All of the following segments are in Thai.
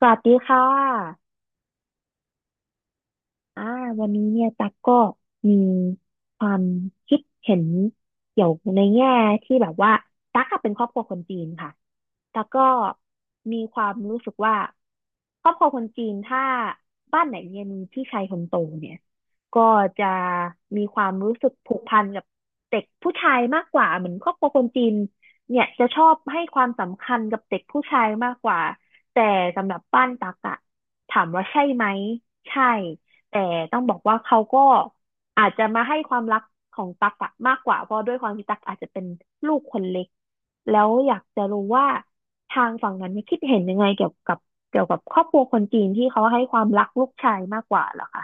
สวัสดีค่ะ อ่าวันนี้เนี่ยตั๊กก็มีความคิดเห็นเกี่ยวในแง่ที่แบบว่าตั๊กอะเป็นครอบครัวคนจีนค่ะตั๊กก็มีความรู้สึกว่าครอบครัวคนจีนถ้าบ้านไหนเนี่ยมีพี่ชายคนโตเนี่ยก็จะมีความรู้สึกผูกพันกับเด็กผู้ชายมากกว่าเหมือนครอบครัวคนจีนเนี่ยจะชอบให้ความสำคัญกับเด็กผู้ชายมากกว่าแต่สำหรับบ้านตั๊กอะถามว่าใช่ไหมใช่ แต่ต้องบอกว่าเขาก็อาจจะมาให้ความรักของตั๊กอะมากกว่าเพราะด้วยความที่ตั๊กอาจจะเป็นลูกคนเล็กแล้วอยากจะรู้ว่าทางฝั่งนั้นเนี่ยคิดเห็นยังไงเกี่ยวกับครอบครัวคนจีนที่เขาให้ความรักลูกชายมากกว่าเหรอคะ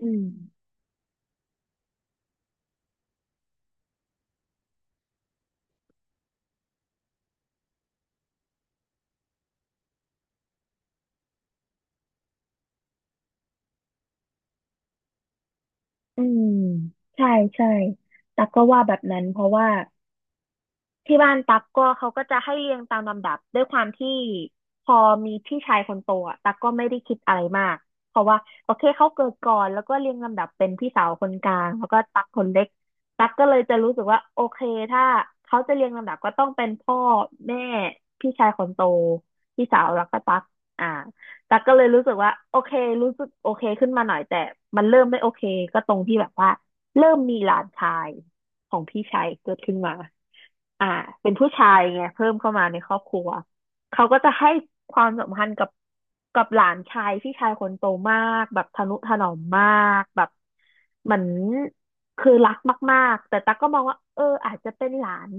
อืมอืมใช่ใช่ตักก็ว่าแบบนั้นเพราะว่า ที่บ้านตั๊กก็เขาก็จะให้เรียงตามลำดับด้วยความที่พอมีพี่ชายคนโตอ่ะตั๊กก็ไม่ได้คิดอะไรมากเพราะว่าโอเคเขาเกิดก่อนแล้วก็เรียงลำดับเป็นพี่สาวคนกลางแล้วก็ตั๊กคนเล็กตั๊กก็เลยจะรู้สึกว่าโอเคถ้าเขาจะเรียงลำดับก็ต้องเป็นพ่อแม่พี่ชายคนโตพี่สาวแล้วก็ตั๊กอ่าตั๊กก็เลยรู้สึกว่าโอเครู้สึกโอเคขึ้นมาหน่อยแต่มันเริ่มไม่โอเคก็ตรงที่แบบว่าเริ่มมีหลานชายของพี่ชายเกิดขึ้นมา อ่าเป็นผู้ชายไงเพิ่มเข้ามาในครอบครัวเขาก็จะให้ความสำคัญกับหลานชายพี่ชายคนโตมากแบบทนุถนอมมากแบบเหมือนคือรักมากๆแต่ตั๊กก็มองว่าเอออาจจะเป็นหลาน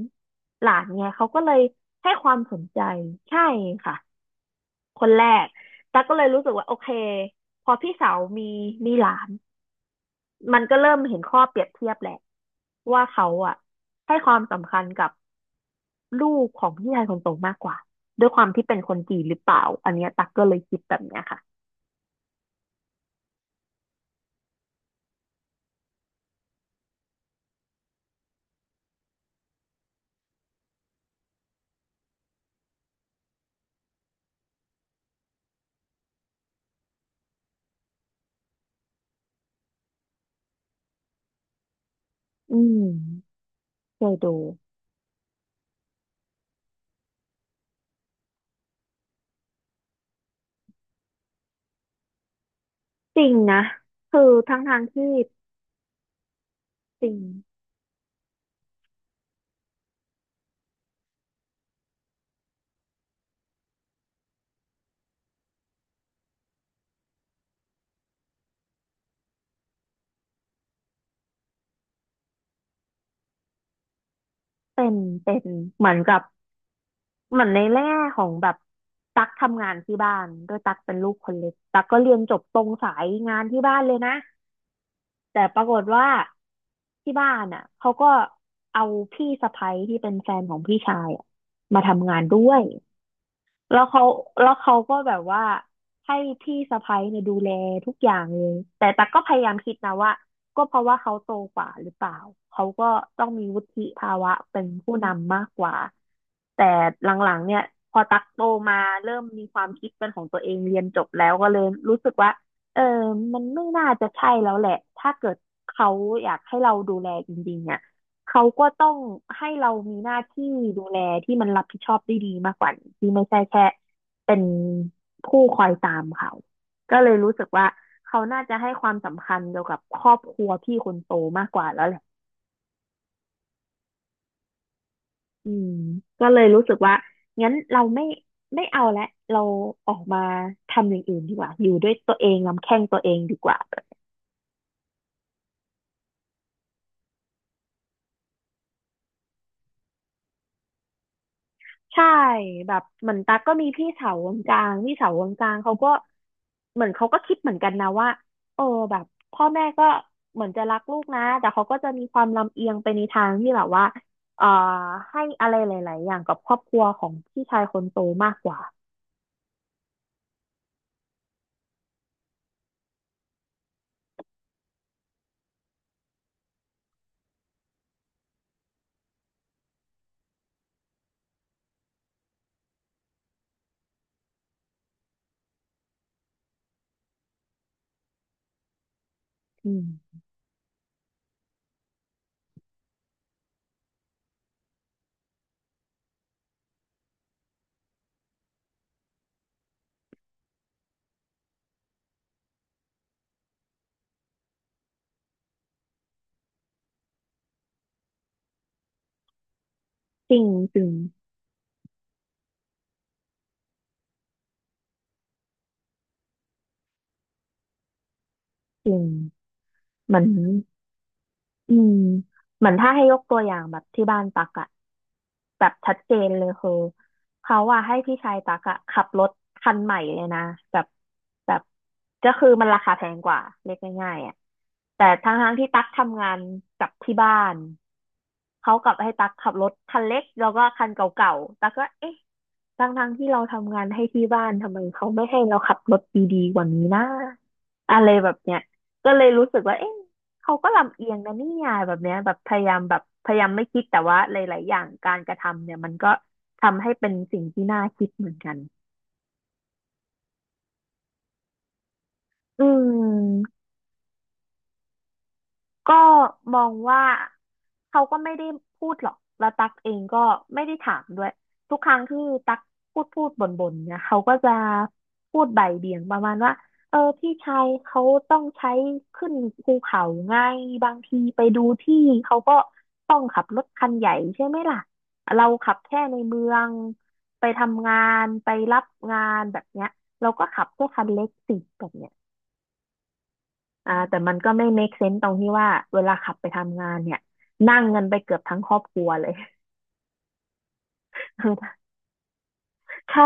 หลานไงเขาก็เลยให้ความสนใจใช่ค่ะคนแรกตั๊กก็เลยรู้สึกว่าโอเคพอพี่สาวมีหลานมันก็เริ่มเห็นข้อเปรียบเทียบแหละว่าเขาอ่ะให้ความสำคัญกับ ลูกของพี่ชายคนโตมากกว่าด้วยความที่เป็นคนจีนหรือเปล่าอันเนี้ยตักก็เลยคิดแบบเนี้ยค่ะอืมเคยดูจริงนะคือทั้งทางที่จริงเป็นเป็นเหมือนกับเหมือนในแง่ของแบบตักทำงานที่บ้านด้วยตักเป็นลูกคนเล็กตักก็เรียนจบตรงสายงานที่บ้านเลยนะแต่ปรากฏว่าที่บ้านอ่ะเขาก็เอาพี่สะใภ้ที่เป็นแฟนของพี่ชายอะมาทำงานด้วย แล้วเขาก็แบบว่าให้พี่สะใภ้เนี่ยดูแลทุกอย่างเลยแต่แต่กก็พยายามคิดนะว่าก็เพราะว่าเขาโตกว่าหรือเปล่าเขาก็ต้องมีวุฒิภาวะเป็นผู้นำมากกว่าแต่หลังๆเนี่ยพอตักโตมาเริ่มมีความคิดเป็นของตัวเองเรียนจบแล้วก็เลยรู้สึกว่าเออมันไม่น่าจะใช่แล้วแหละ ถ้าเกิดเขาอยากให้เราดูแลจริงๆอ่ะ เขาก็ต้องให้เรามีหน้าที่ดูแลที่มันรับผิดชอบได้ดีมากกว่านี้ที่ไม่ใช่แค่เป็นผู้คอยตามเขาก็เลยรู้สึกว่าเขาน่าจะให้ความสำคัญเกี่ยวกับครอบครัวพี่คนโตมากกว่าแล้วแหละอืมก็เลยรู้สึกว่างั้นเราไม่เอาละเราออกมาทำอย่างอื่นดีกว่าอยู่ด้วยตัวเองลำแข้งตัวเองดีกว่า ใช่แบบเหมือนตั๊กก็มีพี่สาววงกลางพี่สาววงกลางเขาก็เหมือนเขาก็คิดเหมือนกันนะว่าเออแบบพ่อแม่ก็เหมือนจะรักลูกนะแต่เขาก็จะมีความลำเอียงไปในทางที่แบบว่าเอ่อให้อะไรหลายๆอย่างกับครอบครัวของพี่ชายคนโตมากกว่าอืมจริงจริงจริงเหมือน อืมเหมือนถ้าให้ยกตัวอย่างแบบที่บ้านตักอะแบบชัดเจนเลยคือเขาอะให้พี่ชายตักอะขับรถคันใหม่เลยนะแบบแบบก็คือมันราคาแพงกว่าเรียกง่ายๆอะแต่ทั้งที่ตักทำงานกับที่บ้านเขากลับให้ตักขับรถคันเล็กแล้วก็คันเก่าๆตักก็เอ๊ะ ทั้งที่เราทำงานให้ที่บ้านทำไมเขาไม่ให้เราขับรถดีๆกว่านี้นะอะไรแบบเนี้ยก็เลยรู้สึกว่าเอ๊ะเขาก็ลำเอียงนะเนี่ยแบบเนี้ยแบบพยายามแบบพยายามไม่คิดแต่ว่าหลายๆอย่างการกระทำเนี่ยมันก็ทำให้เป็นสิ่งที่น่าคิดเหมือนกันอืม ก็มองว่าเขาก็ไม่ได้พูดหรอกแล้วตักเองก็ไม่ได้ถามด้วยทุกครั้งที่ตักพูดบ่นเนี่ยเขาก็จะพูดบ่ายเบี่ยงประมาณว่าเออพี่ชายเขาต้องใช้ขึ้นภูเขาไงบางทีไปดูที่เขาก็ต้องขับรถคันใหญ่ใช่ไหมล่ะเราขับแค่ในเมืองไปทำงานไปรับงานแบบเนี้ยเราก็ขับแค่คันเล็กสิแบบเนี้ย แต่มันก็ไม่ make sense ตรงที่ว่าเวลาขับไปทำงานเนี่ยนั่งเงินไปเกือบทั้งครอบครัวเลย ใช่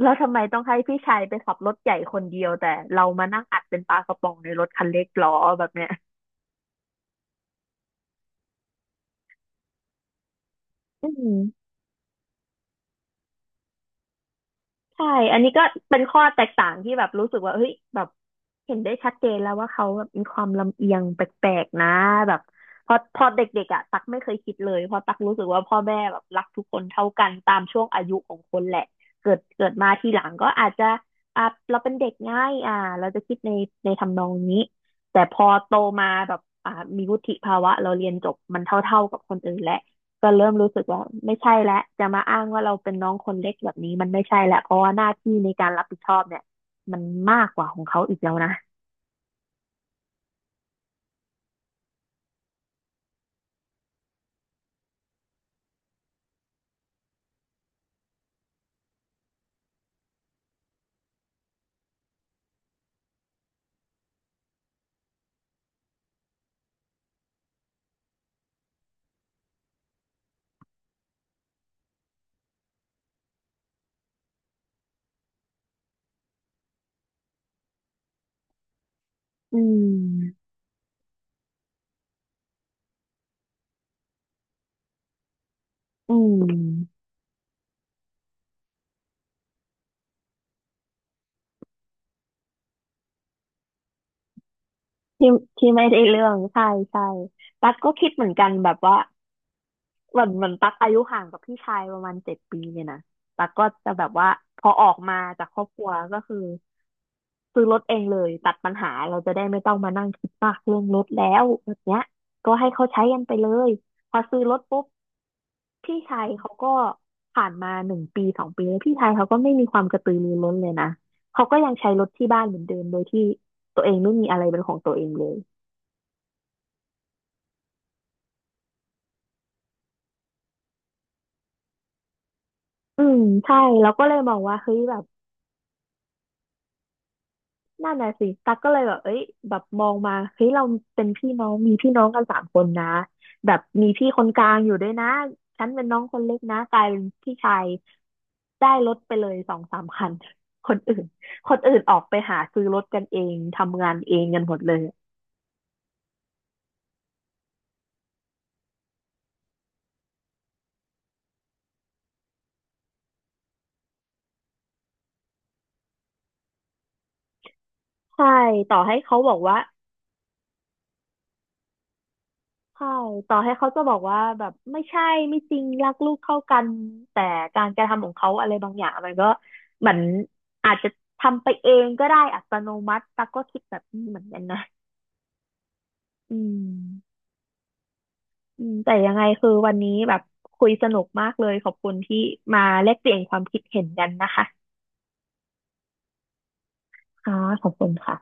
แล้วทำไมต้องให้พี่ชายไปขับรถใหญ่คนเดียวแต่เรามานั่งอัดเป็นปลากระป๋องในรถคันเล็กหรอแบบเนี้ยอืม ใช่อันนี้ก็เป็นข้อแตกต่างที่แบบรู้สึกว่าเฮ้ยแบบเห็นได้ชัดเจนแล้วว่าเขาแบบมีความลำเอียงแปลกๆนะแบบพอเด็กๆอ่ะตักไม่เคยคิดเลยเพราะตักรู้สึกว่าพ่อแม่แบบรักทุกคนเท่ากันตามช่วงอายุของคนแหละเกิดมาทีหลังก็อาจจะอ่ะเราเป็นเด็กง่ายเราจะคิดในทำนองนี้แต่พอโตมาแบบมีวุฒิภาวะเราเรียนจบมันเท่าๆกับคนอื่นแหละ ก็เริ่มรู้สึกว่าไม่ใช่แล้วจะมาอ้างว่าเราเป็นน้องคนเล็กแบบนี้มันไม่ใช่แล้วเพราะว่าหน้าที่ในการรับผิดชอบเนี่ยมันมากกว่าของเขาอีกแล้วนะอืมอืมที่ที่ไม่ได้เรื่องใช่ใช่ตั๊กก็คิดเหมือนกันแบบว่าเหมือนตั๊กอายุห่างกับพี่ชายประมาณเจ็ดปีเนี่ยนะตั๊กก็จะแบบว่าพอออกมาจากครอบครัวก็คือซื้อรถเองเลยตัดปัญหาเราจะได้ไม่ต้องมานั่งคิดมากเรื่องรถแล้วแบบเนี้ยก็ให้เขาใช้กันไปเลยพอซื้อรถปุ๊บ พี่ชายเขาก็ผ่านมาหนึ่งปีสองปีแล้วพี่ชายเขาก็ไม่มีความกระตือรือร้นเลยนะเขาก็ยังใช้รถที่บ้านเหมือนเดิมโดยที่ตัวเองไม่มีอะไรเป็นของตัวเองเลยอืมใช่เราก็เลยมองว่าเฮ้ยแบบนั่นน่ะสิตั๊กก็เลยแบบเอ้ยแบบมองมาเฮ้ยเราเป็นพี่น้องมีพี่น้องกันสามคนนะแบบมีพี่คนกลางอยู่ด้วยนะฉันเป็นน้องคนเล็กนะกลายเป็นพี่ชายได้รถไปเลยสองสามคันคนอื่นคนอื่นออกไปหาซื้อรถกันเองทำงานเองกันหมดเลย ใช่ต่อให้เขาบอกว่าใช่ต่อให้เขาจะบอกว่าแบบไม่ใช่ไม่จริงรักลูกเท่ากันแต่การกระทำของเขาอะไรบางอย่างมันก็เหมือนอาจจะทำไปเองก็ได้อัตโนมัติตักก็คิดแบบนี้เหมือนกันนะอืมอืมแต่ยังไงคือวันนี้แบบคุยสนุกมากเลยขอบคุณที่มาแลกเปลี่ยนความคิดเห็นกันนะคะค่ะขอบคุณค่ะ